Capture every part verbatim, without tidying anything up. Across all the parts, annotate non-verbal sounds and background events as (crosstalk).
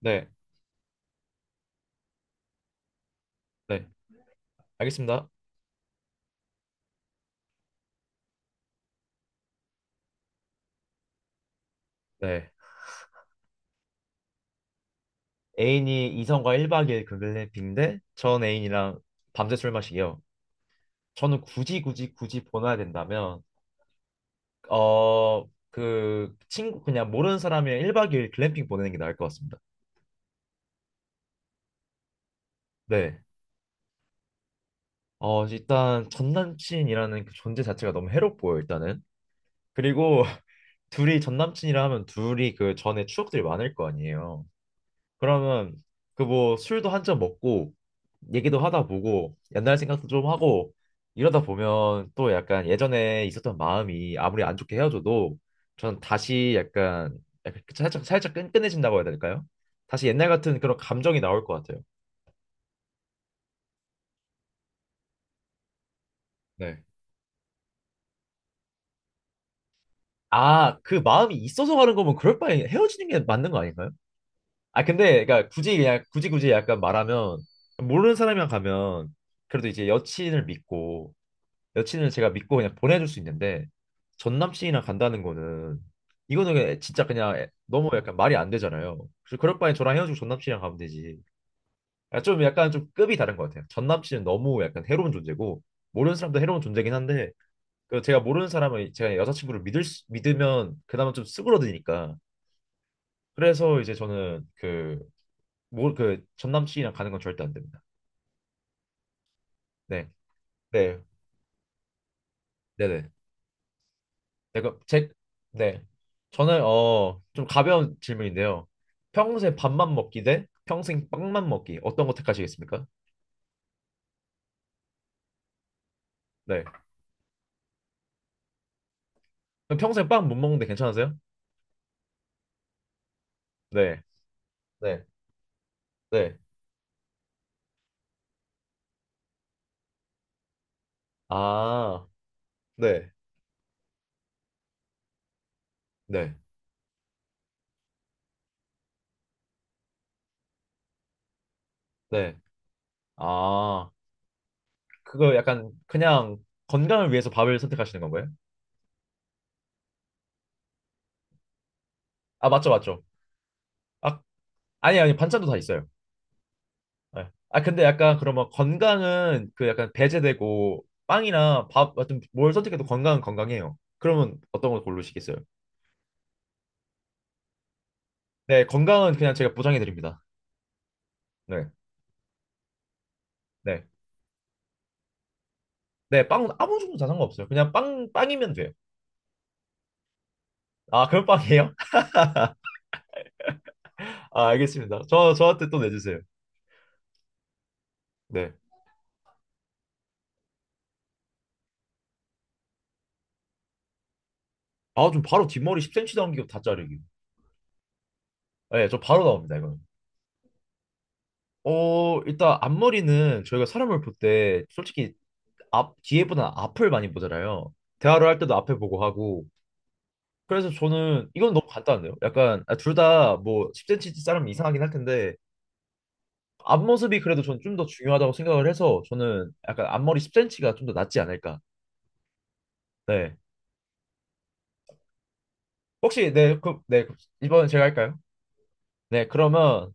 네, 네, 알겠습니다. 네. 애인이 이성과 일 박 이 일 글램핑인데 전 애인이랑 밤새 술 마시기요. 저는 굳이 굳이 굳이 보내야 된다면 어, 그 친구 그냥 모르는 사람이랑 일 박 이 일 글램핑 보내는 게 나을 것 같습니다. 네. 어, 일단 전 남친이라는 그 존재 자체가 너무 해롭고요, 일단은. 그리고 (laughs) 둘이 전 남친이라 하면 둘이 그 전에 추억들이 많을 거 아니에요. 그러면 그 뭐 술도 한 잔 먹고 얘기도 하다 보고 옛날 생각도 좀 하고 이러다 보면 또 약간 예전에 있었던 마음이 아무리 안 좋게 헤어져도 전 다시 약간, 약간 그 살짝 살짝 끈끈해진다고 해야 될까요? 다시 옛날 같은 그런 감정이 나올 것 같아요. 네. 아, 그 마음이 있어서 가는 거면 그럴 바에 헤어지는 게 맞는 거 아닌가요? 아, 근데 그러니까 굳이 그냥 굳이 굳이 약간 말하면 모르는 사람이랑 가면 그래도 이제 여친을 믿고 여친을 제가 믿고 그냥 보내줄 수 있는데 전 남친이랑 간다는 거는 이거는 그냥 진짜 그냥 애- 너무 약간 말이 안 되잖아요. 그래서 그럴 바엔 저랑 헤어지고 전 남친이랑 가면 되지. 아, 좀 약간 좀 급이 다른 것 같아요. 전 남친은 너무 약간 해로운 존재고 모르는 사람도 해로운 존재긴 한데 그 제가 모르는 사람을 제가 여자친구를 믿을 수- 믿으면 그나마 좀 수그러드니까 그래서 이제 저는 그 뭐 그 전 남친이랑 가는 건 절대 안 됩니다. 네, 네, 네, 네. 내가 제, 네. 저는, 어, 좀 가벼운 질문인데요. 평생 밥만 먹기 대 평생 빵만 먹기. 어떤 거 택하시겠습니까? 네. 그럼 평생 빵 못 먹는데 괜찮으세요? 네. 네. 네. 아, 네. 네. 네. 아, 그거 약간 그냥 건강을 위해서 밥을 선택하시는 건가요? 아, 맞죠, 맞죠. 아, 아니, 아니, 반찬도 다 있어요. 네. 아 근데 약간 그러면 건강은 그 약간 배제되고 빵이나 밥 같은 뭘 선택해도 건강은 건강해요. 그러면 어떤 걸 고르시겠어요? 네, 건강은 그냥 제가 보장해 드립니다. 네, 네, 네, 빵은 아무 종류 다 상관없어요. 그냥 빵 빵이면 돼요. 아 그럼 빵이에요? (laughs) 아 알겠습니다. 저 저한테 또 내주세요. 네. 아 좀 바로 뒷머리 십 센티미터 남기고 다 자르기. 네, 저 바로 나옵니다 이거는. 어 일단 앞머리는 저희가 사람을 볼 때 솔직히 앞 뒤에보다 앞을 많이 보잖아요. 대화를 할 때도 앞에 보고 하고 그래서 저는 이건 너무 간단한데요. 약간 아, 둘다 뭐 십 센티미터 자르면 이상하긴 할 텐데 앞모습이 그래도 저는 좀 더 중요하다고 생각을 해서 저는 약간 앞머리 십 센티가 좀 더 낫지 않을까. 네. 혹시 네, 그, 네, 그- 이번엔 제가 할까요? 네, 그러면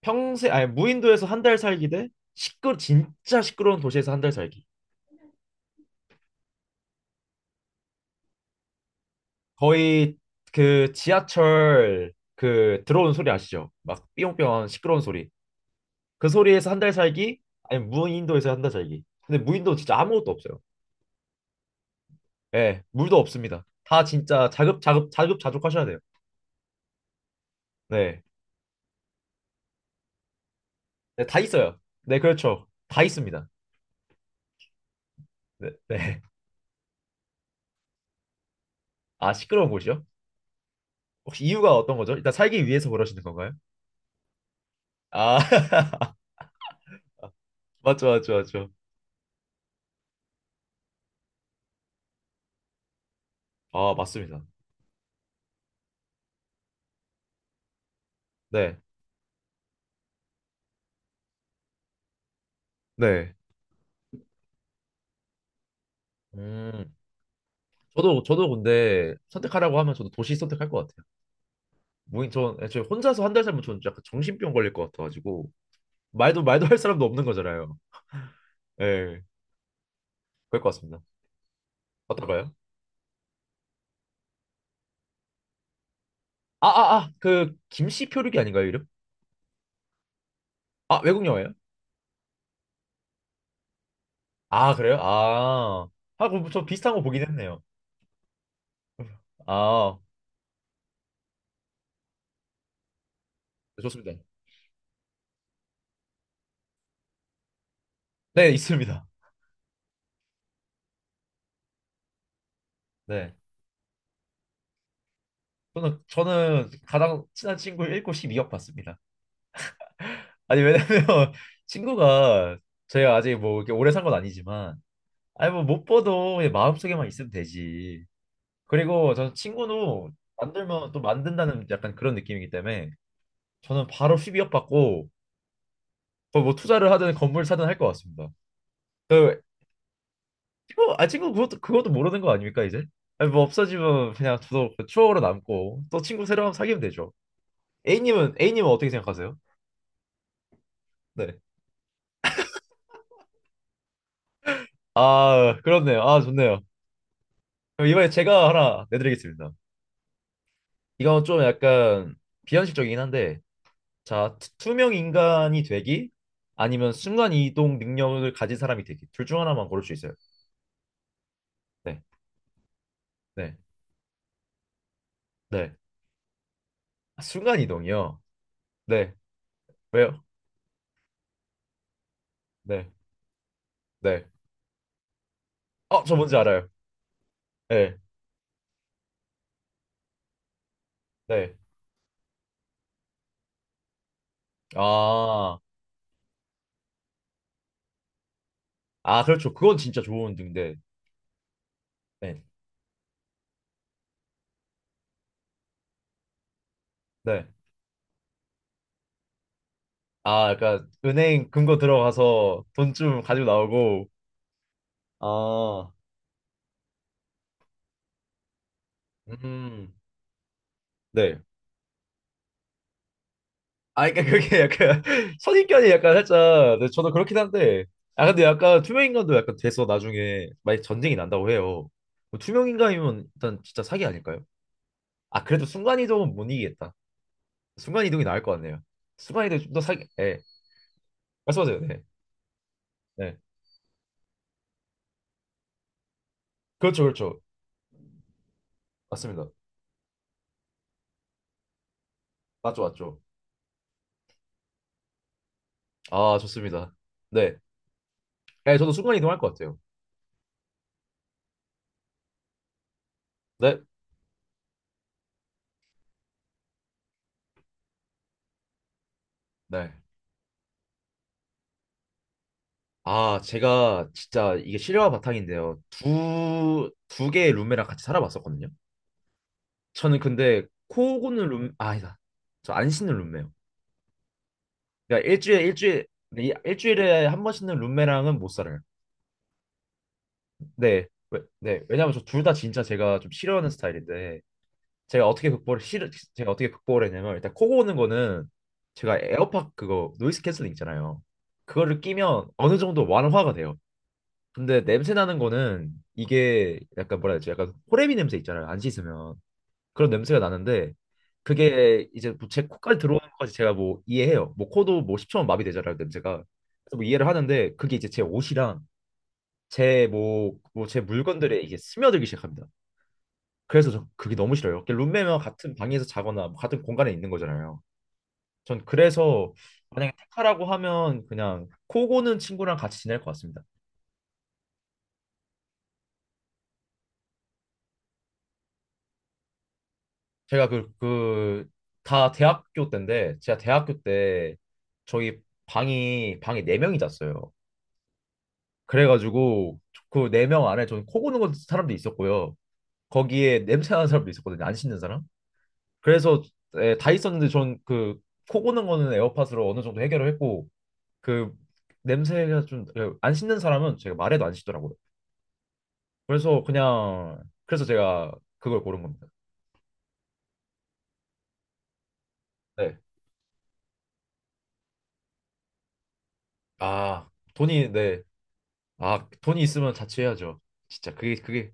평생 아니 무인도에서 한 달 살기 대 시끄러 진짜 시끄러운 도시에서 한 달 살기. 거의 그 지하철 그 들어오는 소리 아시죠? 막 삐용삐용 하는 시끄러운 소리. 그 소리에서 한 달 살기 아니 무인도에서 한 달 살기. 근데 무인도 진짜 아무것도 없어요. 예, 물도 없습니다. 다 진짜 자급, 자급, 자급자족 하셔야 돼요. 네. 네, 다 있어요. 네, 그렇죠. 다 있습니다. 네, 네. 아, 시끄러운 곳이요? 혹시 이유가 어떤 거죠? 일단 살기 위해서 그러시는 건가요? 아, (laughs) 맞죠, 맞죠, 맞죠. 아, 맞습니다. 네, 네. 음, 저도, 저도 근데 선택하라고 하면 저도 도시 선택할 것 같아요. 뭐, 전, 애초에 혼자서 한 달 살면 저는 약간 정신병 걸릴 것 같아가지고, 말도, 말도 할 사람도 없는 거잖아요. 예, 그럴 것 같습니다. 어떤가요? 아, 아, 아, 그, 김씨 표류기 아닌가요, 이름? 아, 외국 영화예요? 아, 그래요? 아. 아, 그럼 저 비슷한 거 보긴 했네요. 아, 네, 좋습니다. 네, 있습니다. 네. 저는, 저는 가장 친한 친구 일 곱 십이 억 봤습니다. 아니, 왜냐면 (laughs) 친구가 제가 아직 뭐 이렇게 오래 산 건 아니지만, 아니, 뭐 못 봐도 그냥 마음속에만 있으면 되지. 그리고 저는 친구도 만들면 또 만든다는 약간 그런 느낌이기 때문에 저는 바로 십이 억 받고 거의 뭐 투자를 하든 건물 사든 할 것 같습니다. 그 친구 아 친구 그것도 그것도 모르는 거 아닙니까 이제? 아니 뭐 없어지면 그냥 더 추억으로 남고 또 친구 새로 운 사귀면 되죠. A님은 A님은 어떻게 생각하세요? 네. 아 그렇네요. 아 좋네요. 그럼 이번에 제가 하나 내드리겠습니다. 이건 좀 약간 비현실적이긴 한데 자 투- 투명 인간이 되기 아니면 순간 이동 능력을 가진 사람이 되기 둘 중 하나만 고를 수 있어요. 네. 네. 네. 아, 순간 이동이요. 네. 왜요? 네. 네. 어, 저 뭔지 알아요. 네. 네. 아. 아, 그렇죠. 그건 진짜 좋은 등대. 네. 네. 아, 그러니까 은행 금고 들어가서 돈 좀 가지고 나오고. 아, 음. 네. 아, 그러니까 그게 약간 (laughs) 선입견이 약간 살짝. 네, 저도 그렇긴 한데. 아, 근데 약간 투명인간도 약간 돼서 나중에 만약 전쟁이 난다고 해요. 뭐 투명인간이면 일단 진짜 사기 아닐까요? 아, 그래도 순간이동은 못 이기겠다. 순간이동이 나을 것 같네요. 순간이동이 좀 더 사기. 예. 말씀하세요. 네. 네. 그렇죠, 그렇죠. 맞습니다. 맞죠, 맞죠. 아, 좋습니다. 네. 네, 저도 순간 이동할 것 같아요. 네. 네. 아, 제가 진짜 이게 실화 바탕인데요. 두, 두 개의 룸메랑 같이 살아봤었거든요. 저는 근데 코 고는 룸, 아, 아니다. 저 안 씻는 룸메요. 그러니까 일주일에, 일주일, 이- 일주일에 한 번 씻는 룸메랑은 못 살아요. 네. 왜- 네. 왜냐면 저 둘 다 진짜 제가 좀 싫어하는 스타일인데, 제가 어떻게 극복을 실 제가 어떻게 극복을 했냐면 일단 코 고는 거는 제가 에어팟 그거 노이즈 캔슬링 있잖아요. 그거를 끼면 어느 정도 완화가 돼요. 근데 냄새 나는 거는 이게 약간 뭐라 해야 되지? 약간 호레미 냄새 있잖아요. 안 씻으면 그런 냄새가 나는데 그게 이제 뭐제 코까지 들어오는 것까지 제가 뭐 이해해요. 뭐 코도 뭐 십 초만 마비되잖아요. 냄새가. 그래서 뭐 이해를 하는데 그게 이제 제 옷이랑 제 뭐 뭐 제 물건들에 이게 스며들기 시작합니다. 그래서 저 그게 너무 싫어요. 이렇게 룸메와 같은 방에서 자거나 뭐 같은 공간에 있는 거잖아요. 전 그래서 만약에 택하라고 하면 그냥 코고는 친구랑 같이 지낼 것 같습니다. 제가 그 그 다 대학교 때인데 제가 대학교 때 저희 방이 방에 네 명이 잤어요. 그래가지고 그 네 명 안에 저는 코 고는 사람도 있었고요. 거기에 냄새 나는 사람도 있었거든요. 안 씻는 사람. 그래서 예, 다 있었는데 전 그 코 고는 거는 에어팟으로 어느 정도 해결을 했고 그 냄새가 좀 안 씻는 사람은 제가 말해도 안 씻더라고요. 그래서 그냥 그래서 제가 그걸 고른 겁니다. 네. 아, 돈이 네. 아, 돈이 있으면 자취해야죠. 진짜 그게 그게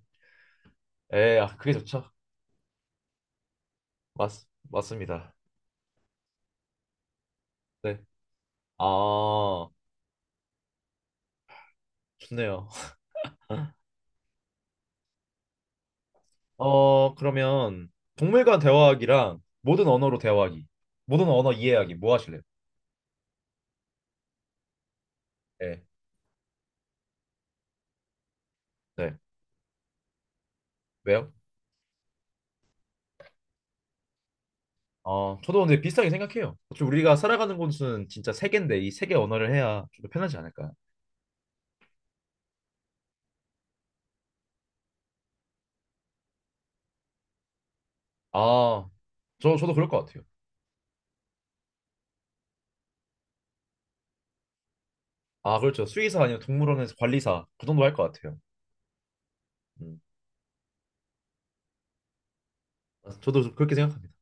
에, 아, 그게 좋죠. 맞 맞습니다. 네. 아, 좋네요. 어, 그러면 동물과 대화하기랑 모든 언어로 대화하기. 모든 언어 이해하기 뭐 하실래요? 네. 네. 왜요? 어, 저도 근데 비슷하게 생각해요. 어차피 우리가 살아가는 곳은 진짜 세계인데 이 세계 언어를 해야 좀 더 편하지 않을까요? 아, 저, 저도 그럴 것 같아요. 아, 그렇죠. 수의사 아니면 동물원에서 관리사 그 정도 할 것 같아요. 음, 저도 그렇게 생각합니다.